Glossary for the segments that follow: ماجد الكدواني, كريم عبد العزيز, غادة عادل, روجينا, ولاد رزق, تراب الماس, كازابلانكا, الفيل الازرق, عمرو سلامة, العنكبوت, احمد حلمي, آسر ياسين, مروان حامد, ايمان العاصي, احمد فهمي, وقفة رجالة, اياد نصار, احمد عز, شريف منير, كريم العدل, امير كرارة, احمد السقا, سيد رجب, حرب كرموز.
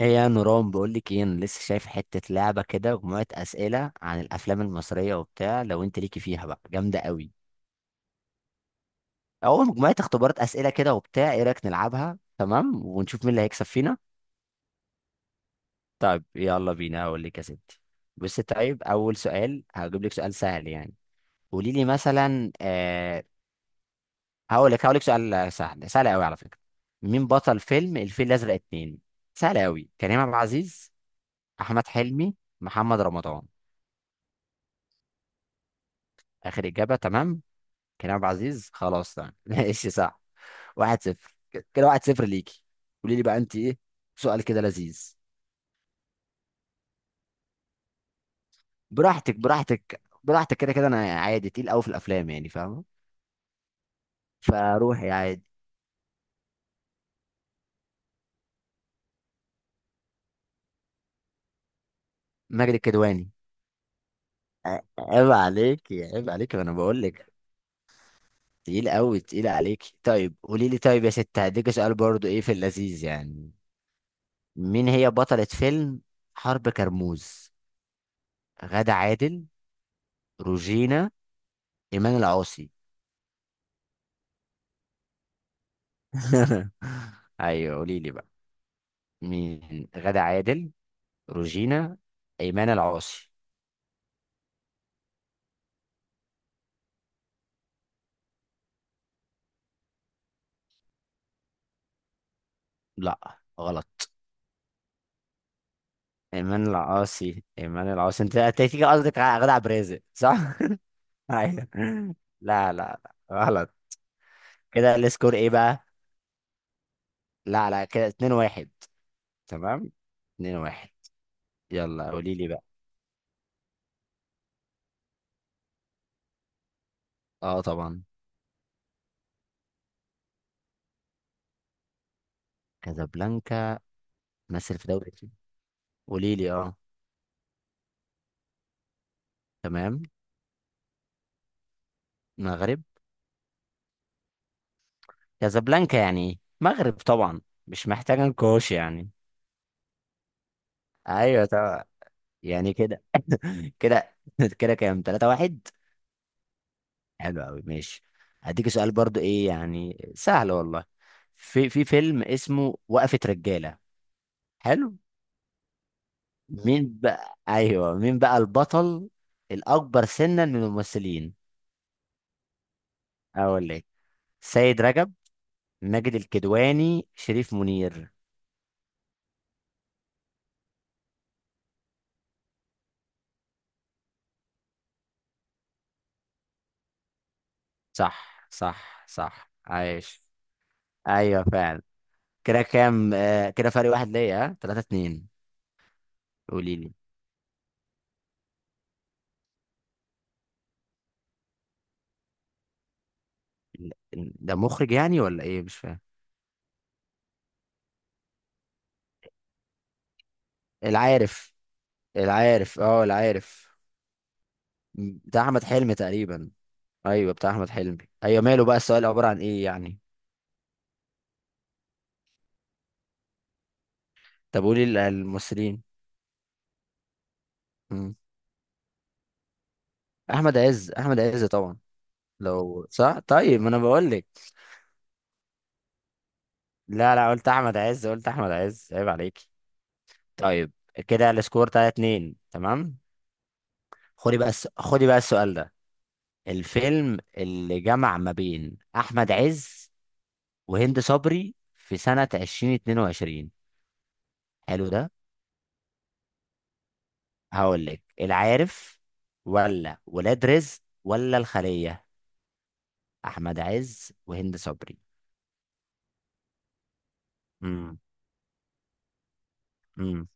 ايه يا نوران، بقول لك ايه، انا لسه شايف حته لعبه كده، مجموعه اسئله عن الافلام المصريه وبتاع، لو انت ليكي فيها بقى جامده قوي، او مجموعه اختبارات اسئله كده وبتاع. ايه رايك نلعبها؟ تمام، ونشوف مين اللي هيكسب فينا. طيب يلا بينا، هقول لك يا ستي. بصي، طيب اول سؤال هجيب لك سؤال سهل يعني. قولي لي مثلا هقول لك سؤال سهل، سهل قوي على فكره. مين بطل فيلم الفيل الازرق اتنين؟ سهل قوي. كريم عبد العزيز، احمد حلمي، محمد رمضان. اخر اجابه. تمام، كريم عبد العزيز، خلاص تمام. ماشي صح، واحد صفر. كده واحد صفر ليكي. قولي لي بقى انت ايه؟ سؤال كده لذيذ. براحتك براحتك براحتك، كده كده انا عادي، تقيل قوي في الافلام يعني، فاهمه؟ فروحي عادي. ماجد الكدواني. عيب عليك، عيب عليك، انا بقول لك. تقيل قوي، تقيل عليك. طيب قولي لي، طيب يا ست هديك سؤال برضو ايه في اللذيذ يعني. مين هي بطلة فيلم حرب كرموز؟ غادة عادل، روجينا، ايمان العاصي. ايوه قولي لي بقى. مين؟ غادة عادل، روجينا، ايمان العاصي. لا غلط، ايمان العاصي ايمان العاصي. انت تيجي قصدك على غادة عبد الرازق، صح؟ ايوه. لا لا لا غلط. كده السكور ايه بقى؟ لا لا كده 2-1. تمام، 2-1. يلا قولي لي بقى. اه طبعا. كازابلانكا مثل في دوري ايه؟ قولي لي اه. تمام. مغرب. كازابلانكا يعني ايه؟ مغرب طبعا، مش محتاجه نقاش يعني. ايوه طبعا، يعني كده. كده كده كام؟ 3-1. حلو قوي ماشي. هديك سؤال برضو ايه يعني، سهل والله. في فيلم اسمه وقفة رجالة. حلو. مين بقى، ايوه مين بقى البطل الاكبر سنا من الممثلين؟ اقول لك، سيد رجب، ماجد الكدواني، شريف منير. صح صح صح، عايش. ايوه فعلا. كده كام؟ كده فرق واحد ليا، ها 3-2. قولي لي. ده مخرج يعني ولا ايه؟ مش فاهم. العارف، العارف، اه العارف. بتاع احمد حلمي تقريبا. ايوه بتاع احمد حلمي. ايوه ماله بقى، السؤال عباره عن ايه يعني؟ طب قولي الممثلين. مم. احمد عز، احمد عز طبعا. لو صح طيب، ما انا بقول لك. لا لا، قلت احمد عز، قلت احمد عز، عيب عليكي. طيب، كده السكور 3-2 تمام. خدي بقى خدي بقى السؤال ده. الفيلم اللي جمع ما بين احمد عز وهند صبري في سنه 2022، حلو ده. هقول لك العارف، ولا ولاد رزق، ولا الخلية. أحمد عز وهند صبري. امم. امم.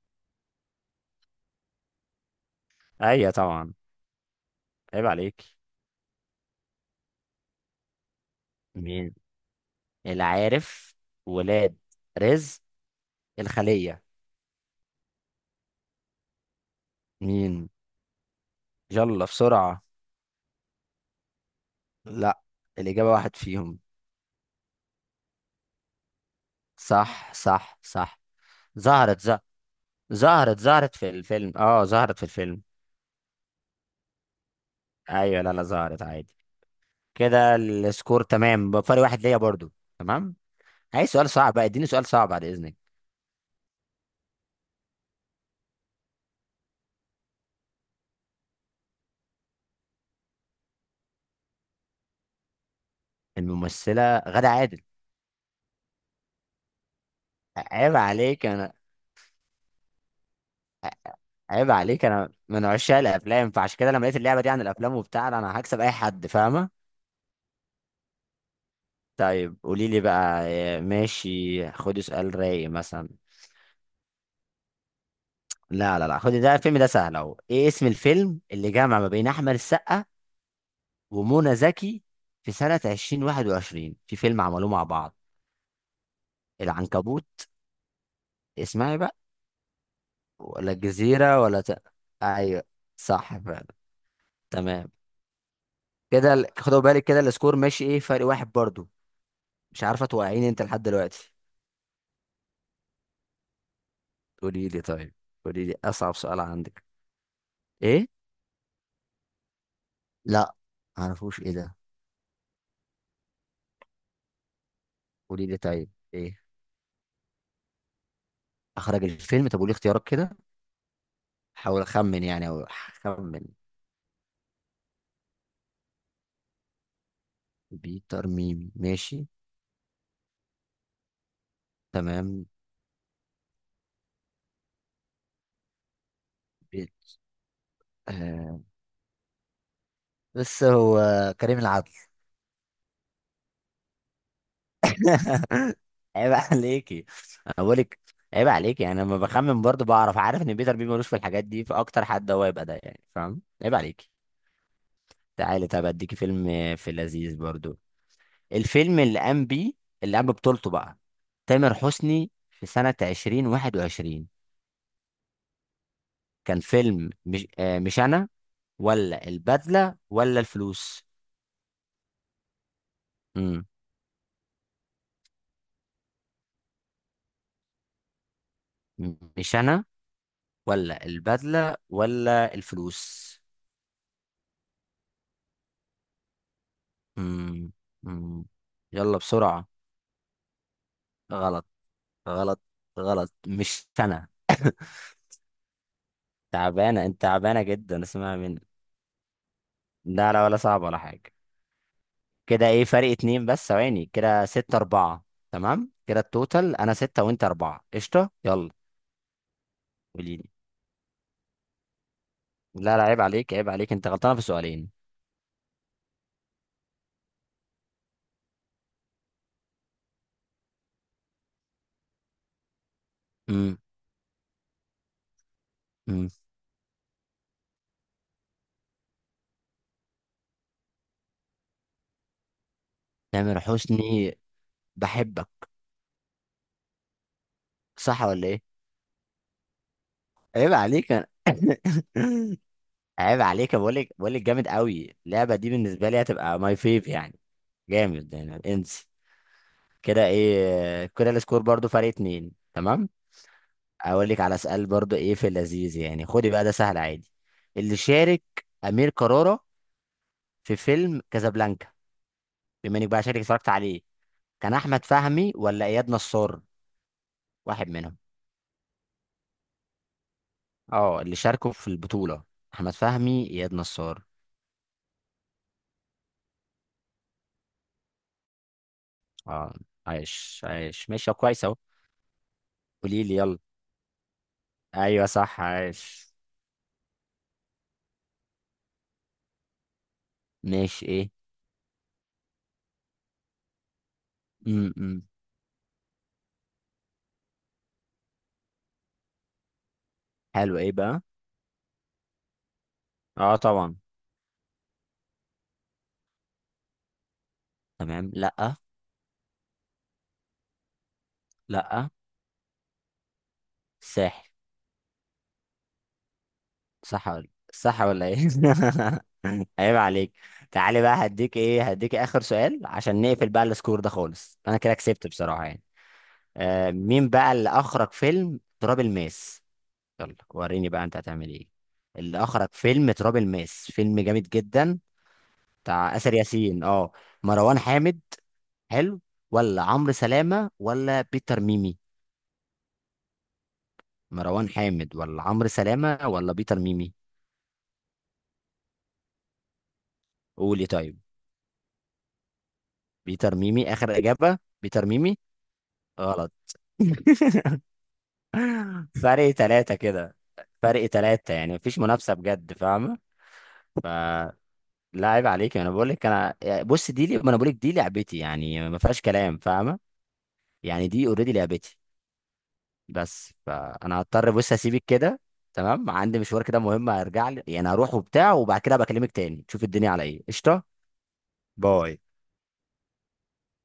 أيوة طبعا، عيب عليك. مين؟ العارف، ولاد رزق، الخلية. مين؟ يلا بسرعة. لا، الإجابة واحد فيهم. صح صح صح. ظهرت ز... ظهرت، ظهرت في الفيلم، اه ظهرت في الفيلم. ايوه لا لا، ظهرت عادي. كده السكور تمام بفرق واحد ليا برضو. تمام. عايز سؤال صعب بقى، اديني سؤال صعب بعد اذنك. الممثله غادة عادل. عيب عليك انا، عيب عليك، انا من عشاق الافلام، فعشان كده لما لقيت اللعبه دي عن الافلام وبتاع، لا، انا هكسب اي حد، فاهمه. طيب قولي لي بقى إيه، ماشي خدي سؤال رايق مثلا. لا لا لا، خدي ده الفيلم ده سهل اهو. ايه اسم الفيلم اللي جمع ما بين احمد السقا ومنى زكي في سنه 2021، في فيلم عملوه مع بعض؟ العنكبوت، اسمعي بقى، ولا الجزيره ولا ايوه، صح فعلا. تمام، كده خدوا بالك، كده السكور ماشي ايه، فرق واحد برضو. مش عارفه توقعيني انت لحد دلوقتي. قولي لي طيب، قولي لي اصعب سؤال عندك. ايه؟ لا، معرفوش، ايه ده؟ قولي لي طيب ايه. اخرج الفيلم؟ طب قولي اختيارات كده، حاول اخمن يعني، او اخمن. بيتر ميمي، ماشي. تمام. بيت آه. بس هو كريم العدل. عيب عليكي، انا بقولك، عيب عليكي، يعني لما بخمن برضو بعرف، عارف ان بيتر بيبي ملوش في الحاجات دي، فاكتر حد هو يبقى ده يعني، فاهم؟ عيب عليكي. تعالي، طب اديكي فيلم في لذيذ برضو. الفيلم اللي قام بيه، اللي قام ببطولته بقى تامر حسني في سنة 2021، كان فيلم مش مش انا، ولا البدلة، ولا الفلوس. امم. مش انا، ولا البدلة، ولا الفلوس. امم. امم. يلا بسرعة. غلط. غلط. غلط، مش انا. تعبانة انت، تعبانة جدا، اسمع مني. لا لا، ولا صعب ولا حاجة. كده ايه، فرق اتنين بس، ثواني، كده ستة أربعة. تمام، كده التوتال أنا ستة وأنت أربعة، قشطة يلا. قوليلي. لا لا، عيب عليك، عيب عليك، أنت غلطانة في سؤالين. امم. امم. تامر حسني، بحبك، صح ولا إيه؟ عيب عليك أنا. عيب عليك، بقول لك جامد قوي اللعبة دي، بالنسبة لي هتبقى ماي فيف يعني. جامد يعني، انسي. كده ايه، كده السكور برضو فرق اتنين تمام. اقول لك على سؤال برضو ايه في اللذيذ يعني، خدي بقى ده سهل عادي. اللي شارك امير كرارة في فيلم كازابلانكا، بما انك بقى شارك اتفرجت عليه، كان احمد فهمي ولا اياد نصار؟ واحد منهم. اه، اللي شاركوا في البطولة، احمد فهمي، اياد نصار. اه، عايش عايش، ماشي كويس اهو. قولي لي يلا. ايوه صح، عايش. ماشي ايه. امم. حلو ايه بقى. اه طبعا. تمام. لا. لا. ساحل. صح ولا، صح ولا ايه؟ عيب عليك. تعالي بقى هديك ايه، هديك اخر سؤال عشان نقفل بقى السكور ده خالص، انا كده كسبت بصراحة يعني. مين بقى اللي اخرج فيلم تراب الماس؟ يلا وريني بقى انت هتعمل ايه. اللي اخرج فيلم تراب الماس، فيلم جامد جدا، بتاع آسر ياسين، اه. مروان حامد. حلو. ولا عمرو سلامة ولا بيتر ميمي. مروان حامد ولا عمرو سلامة ولا بيتر ميمي. قولي طيب. بيتر ميمي. اخر اجابة، بيتر ميمي؟ غلط. فرق ثلاثة كده، فرق ثلاثة، يعني مفيش منافسة بجد فاهمة. فلا، عيب عليك، انا بقول لك انا يعني، بص دي ما انا بقول لك دي لعبتي يعني، ما فيهاش كلام، فاهمة؟ يعني دي اوريدي لعبتي. بس فانا هضطر بص اسيبك كده، تمام؟ عندي مشوار كده مهم، هرجع لي يعني، هروح وبتاع وبعد كده بكلمك تاني، تشوف الدنيا على ايه، قشطة؟ باي.